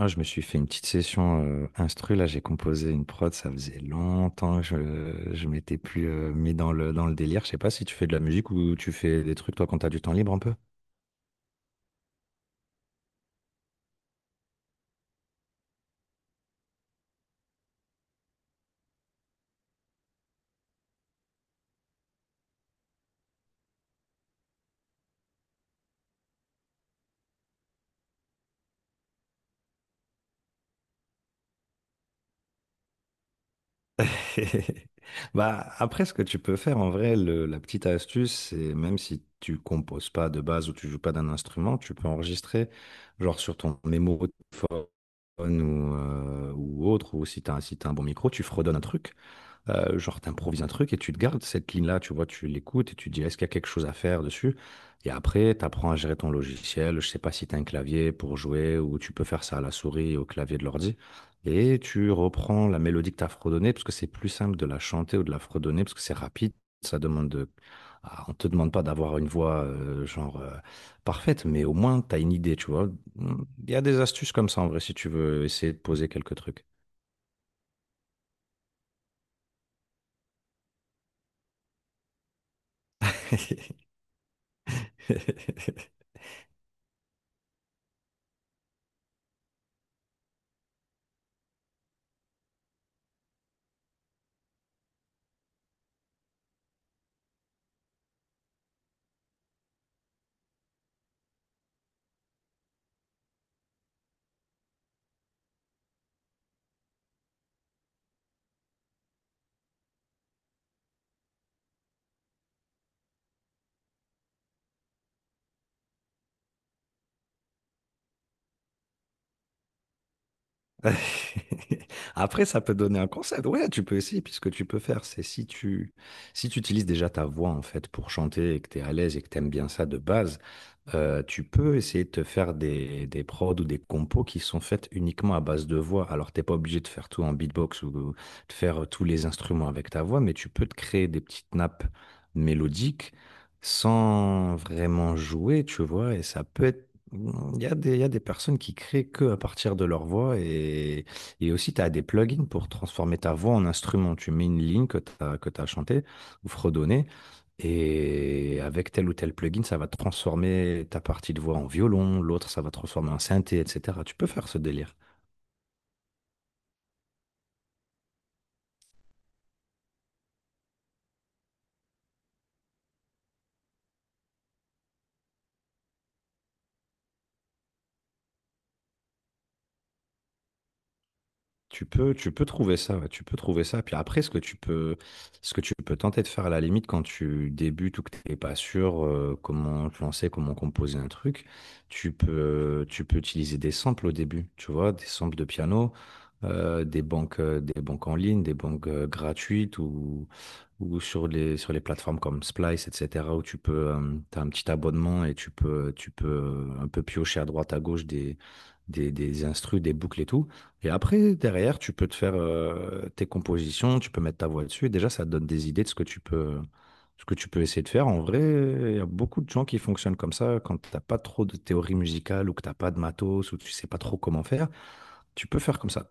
Ah, je me suis fait une petite session, instru là, j'ai composé une prod, ça faisait longtemps que je m'étais plus, mis dans le délire. Je sais pas si tu fais de la musique ou tu fais des trucs toi quand t'as du temps libre un peu? Bah, après ce que tu peux faire en vrai, le la petite astuce, c'est même si tu composes pas de base ou tu joues pas d'un instrument, tu peux enregistrer genre sur ton mémo de téléphone ou autre ou si t'as si t'as un bon micro, tu fredonnes un truc genre, tu un truc et tu te gardes cette ligne-là, tu vois? Tu l'écoutes et tu te dis: «Est-ce qu'il y a quelque chose à faire dessus?» Et après, t'apprends à gérer ton logiciel. Je sais pas si t'as un clavier pour jouer ou tu peux faire ça à la souris et au clavier de l'ordi, et tu reprends la mélodie que t'as as fredonnée parce que c'est plus simple de la chanter ou de la fredonner parce que c'est rapide. Ça demande de ah, On te demande pas d'avoir une voix, parfaite, mais au moins t'as une idée, tu vois? Mmh, il y a des astuces comme ça en vrai si tu veux essayer de poser quelques trucs. Après, ça peut donner un concept. Ouais, tu peux essayer, puis ce que tu peux faire, c'est si tu utilises déjà ta voix en fait pour chanter et que tu es à l'aise et que tu aimes bien ça de base, tu peux essayer de te faire des prods ou des compos qui sont faites uniquement à base de voix. Alors, t'es pas obligé de faire tout en beatbox ou de faire tous les instruments avec ta voix, mais tu peux te créer des petites nappes mélodiques sans vraiment jouer, tu vois, et ça peut être Mmh, il y a des personnes qui créent que à partir de leur voix, et aussi tu as des plugins pour transformer ta voix en instrument. Tu mets une ligne que tu chantée ou fredonnée, et avec tel ou tel plugin, ça va transformer ta partie de voix en violon, l'autre ça va transformer en synthé, etc. Tu peux faire ce délire. Tu peux trouver ça, ouais, tu peux trouver ça. Puis après, ce que tu peux tenter de faire à la limite quand tu débutes ou que tu n'es pas sûr comment te lancer, comment composer un truc, tu peux utiliser des samples au début, tu vois, des samples de piano, des banques en ligne, des banques gratuites ou sur les plateformes comme Splice, etc., où tu peux tu as un petit abonnement et tu peux un peu piocher à droite à gauche des instrus, des boucles et tout. Et après, derrière, tu peux te faire tes compositions, tu peux mettre ta voix dessus. Et déjà, ça te donne des idées de ce que tu peux essayer de faire. En vrai, il y a beaucoup de gens qui fonctionnent comme ça. Quand t'as pas trop de théorie musicale ou que t'as pas de matos ou que tu sais pas trop comment faire, tu peux faire comme ça.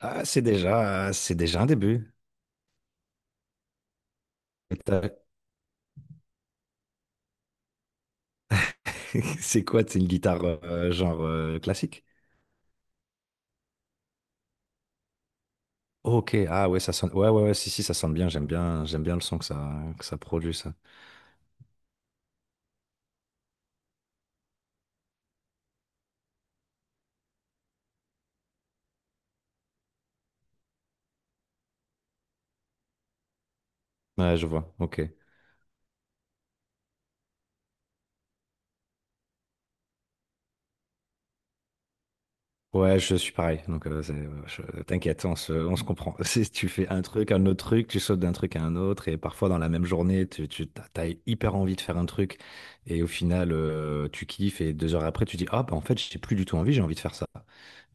Ah, c'est déjà un début. Et C'est quoi? C'est une guitare genre classique? Ok, ah ouais, ça sonne. Ouais, ouais, ouais, si, si, ça sonne bien. J'aime bien, j'aime bien le son que ça produit, ça. Ouais, je vois. Ok. Ouais, je suis pareil. Donc, t'inquiète, on on se comprend. Si tu fais un truc, un autre truc, tu sautes d'un truc à un autre, et parfois dans la même journée, tu t'as hyper envie de faire un truc, et au final, tu kiffes, et deux heures après, tu dis, ah, bah, en fait, j'ai plus du tout envie, j'ai envie de faire ça.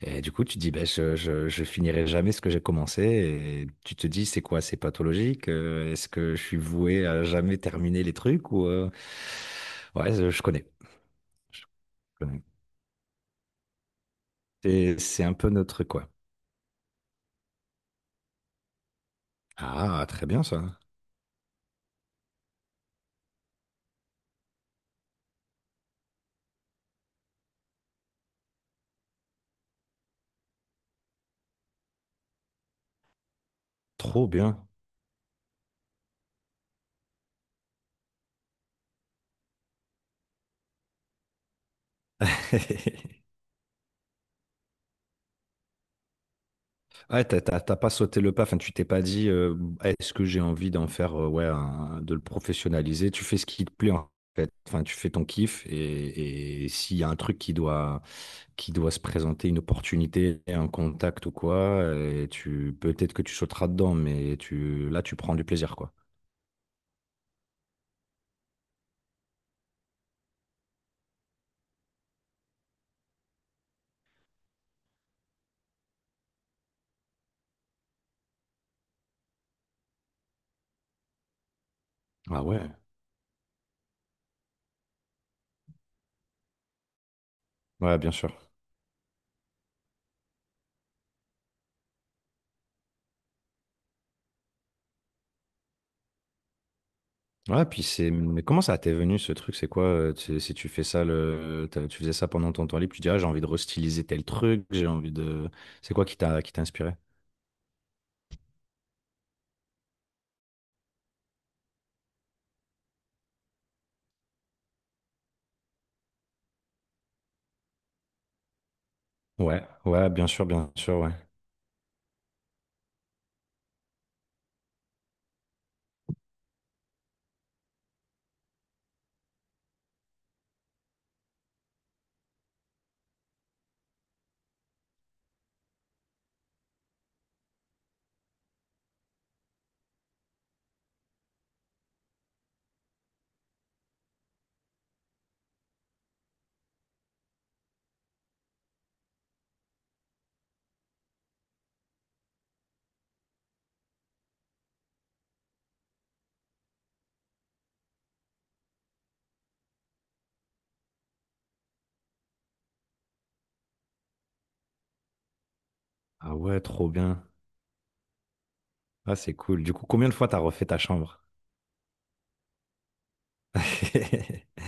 Et du coup, tu te dis, bah, je finirai jamais ce que j'ai commencé, et tu te dis, c'est quoi, c'est pathologique? Est-ce que je suis voué à jamais terminer les trucs, ou, ouais, je connais. Je connais. Et c'est un peu notre, quoi. Ah, très bien ça. Trop bien. Ouais, t'as pas sauté le pas, enfin, tu t'es pas dit est-ce que j'ai envie d'en faire, ouais, de le professionnaliser. Tu fais ce qui te plaît en fait. Enfin, tu fais ton kiff, et s'il y a un truc qui doit se présenter, une opportunité, un contact ou quoi, et tu peut-être que tu sauteras dedans, mais tu là tu prends du plaisir quoi. Ah ouais. Ouais, bien sûr. Ouais, puis c'est. Mais comment ça t'est venu ce truc? C'est quoi? Si tu fais ça, tu faisais ça pendant ton temps libre, tu dis, ah, j'ai envie de restyliser tel truc, j'ai envie de. C'est quoi qui t'a inspiré? Ouais, ouais, bien sûr, ouais. Ah ouais, trop bien. Ah, c'est cool. Du coup, combien de fois t'as refait ta chambre?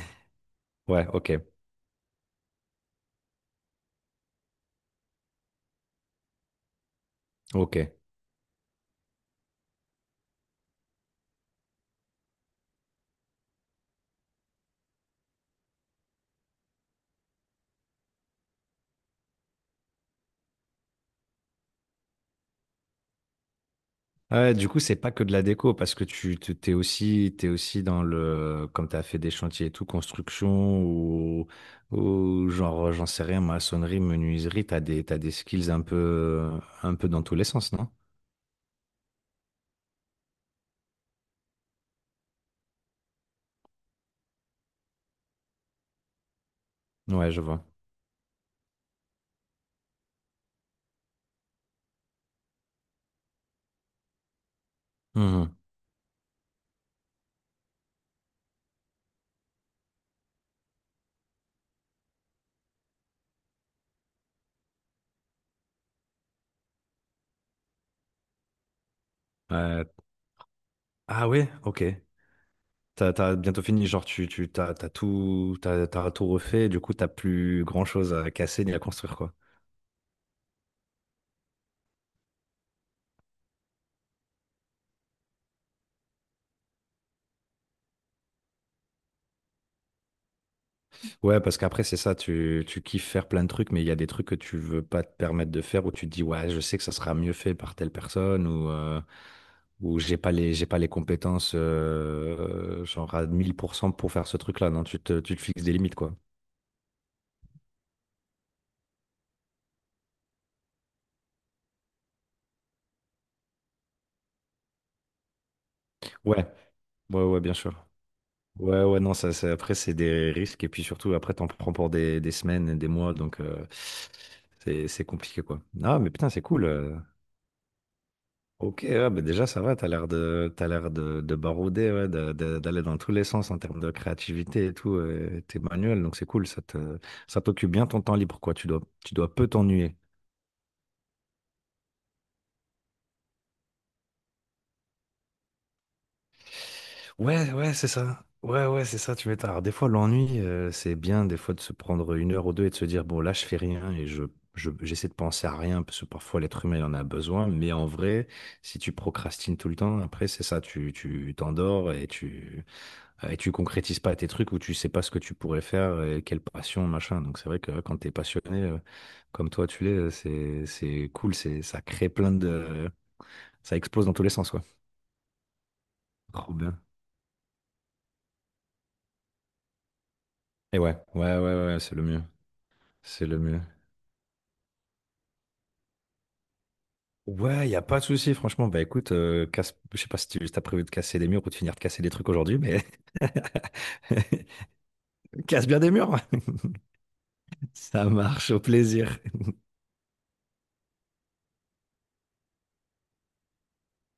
Ouais, ok, ok. Ouais, du coup, c'est pas que de la déco, parce que t'es aussi dans le, comme tu as fait des chantiers et tout, construction ou genre, j'en sais rien, maçonnerie, menuiserie, t'as des skills un peu dans tous les sens, non? Ouais, je vois. Mhm. Euh, ah ouais, ok. T'as bientôt fini, genre, tu, t'as, t'as tout refait, du coup, t'as plus grand chose à casser ni à construire, quoi. Ouais, parce qu'après, c'est ça, tu kiffes faire plein de trucs, mais il y a des trucs que tu veux pas te permettre de faire où tu te dis, ouais, je sais que ça sera mieux fait par telle personne ou j'ai pas les compétences, genre à 1000% pour faire ce truc-là. Non, tu te fixes des limites, quoi. Ouais, ouais, ouais, bien sûr. Ouais, ouais, non, après, c'est des risques et puis surtout, après, t'en prends pour des semaines et des mois, donc c'est compliqué, quoi. Ah, mais putain, c'est cool. Ok, ouais, bah déjà ça va, t'as l'air de barouder, ouais, d'aller dans tous les sens en termes de créativité et tout, t'es manuel, donc c'est cool, ça t'occupe bien ton temps libre, quoi, tu dois peu t'ennuyer. Ouais, ouais, c'est ça. Ouais, ouais, c'est ça, tu m'étonnes. Alors, des fois, l'ennui, c'est bien, des fois, de se prendre une heure ou deux et de se dire, bon, là, je fais rien et j'essaie de penser à rien, parce que parfois, l'être humain, il en a besoin, mais en vrai, si tu procrastines tout le temps, après, c'est ça, tu t'endors et tu concrétises pas tes trucs ou tu sais pas ce que tu pourrais faire, et quelle passion, machin. Donc c'est vrai que ouais, quand t'es passionné, comme toi tu l'es, c'est cool, c'est ça crée ça explose dans tous les sens quoi. Trop bien. Et ouais, ouais, ouais, ouais, ouais, c'est le mieux. Ouais, y a pas de souci, franchement. Bah écoute, je sais pas si tu as prévu de casser des murs ou de finir de casser des trucs aujourd'hui, mais casse bien des murs. Ça marche, au plaisir.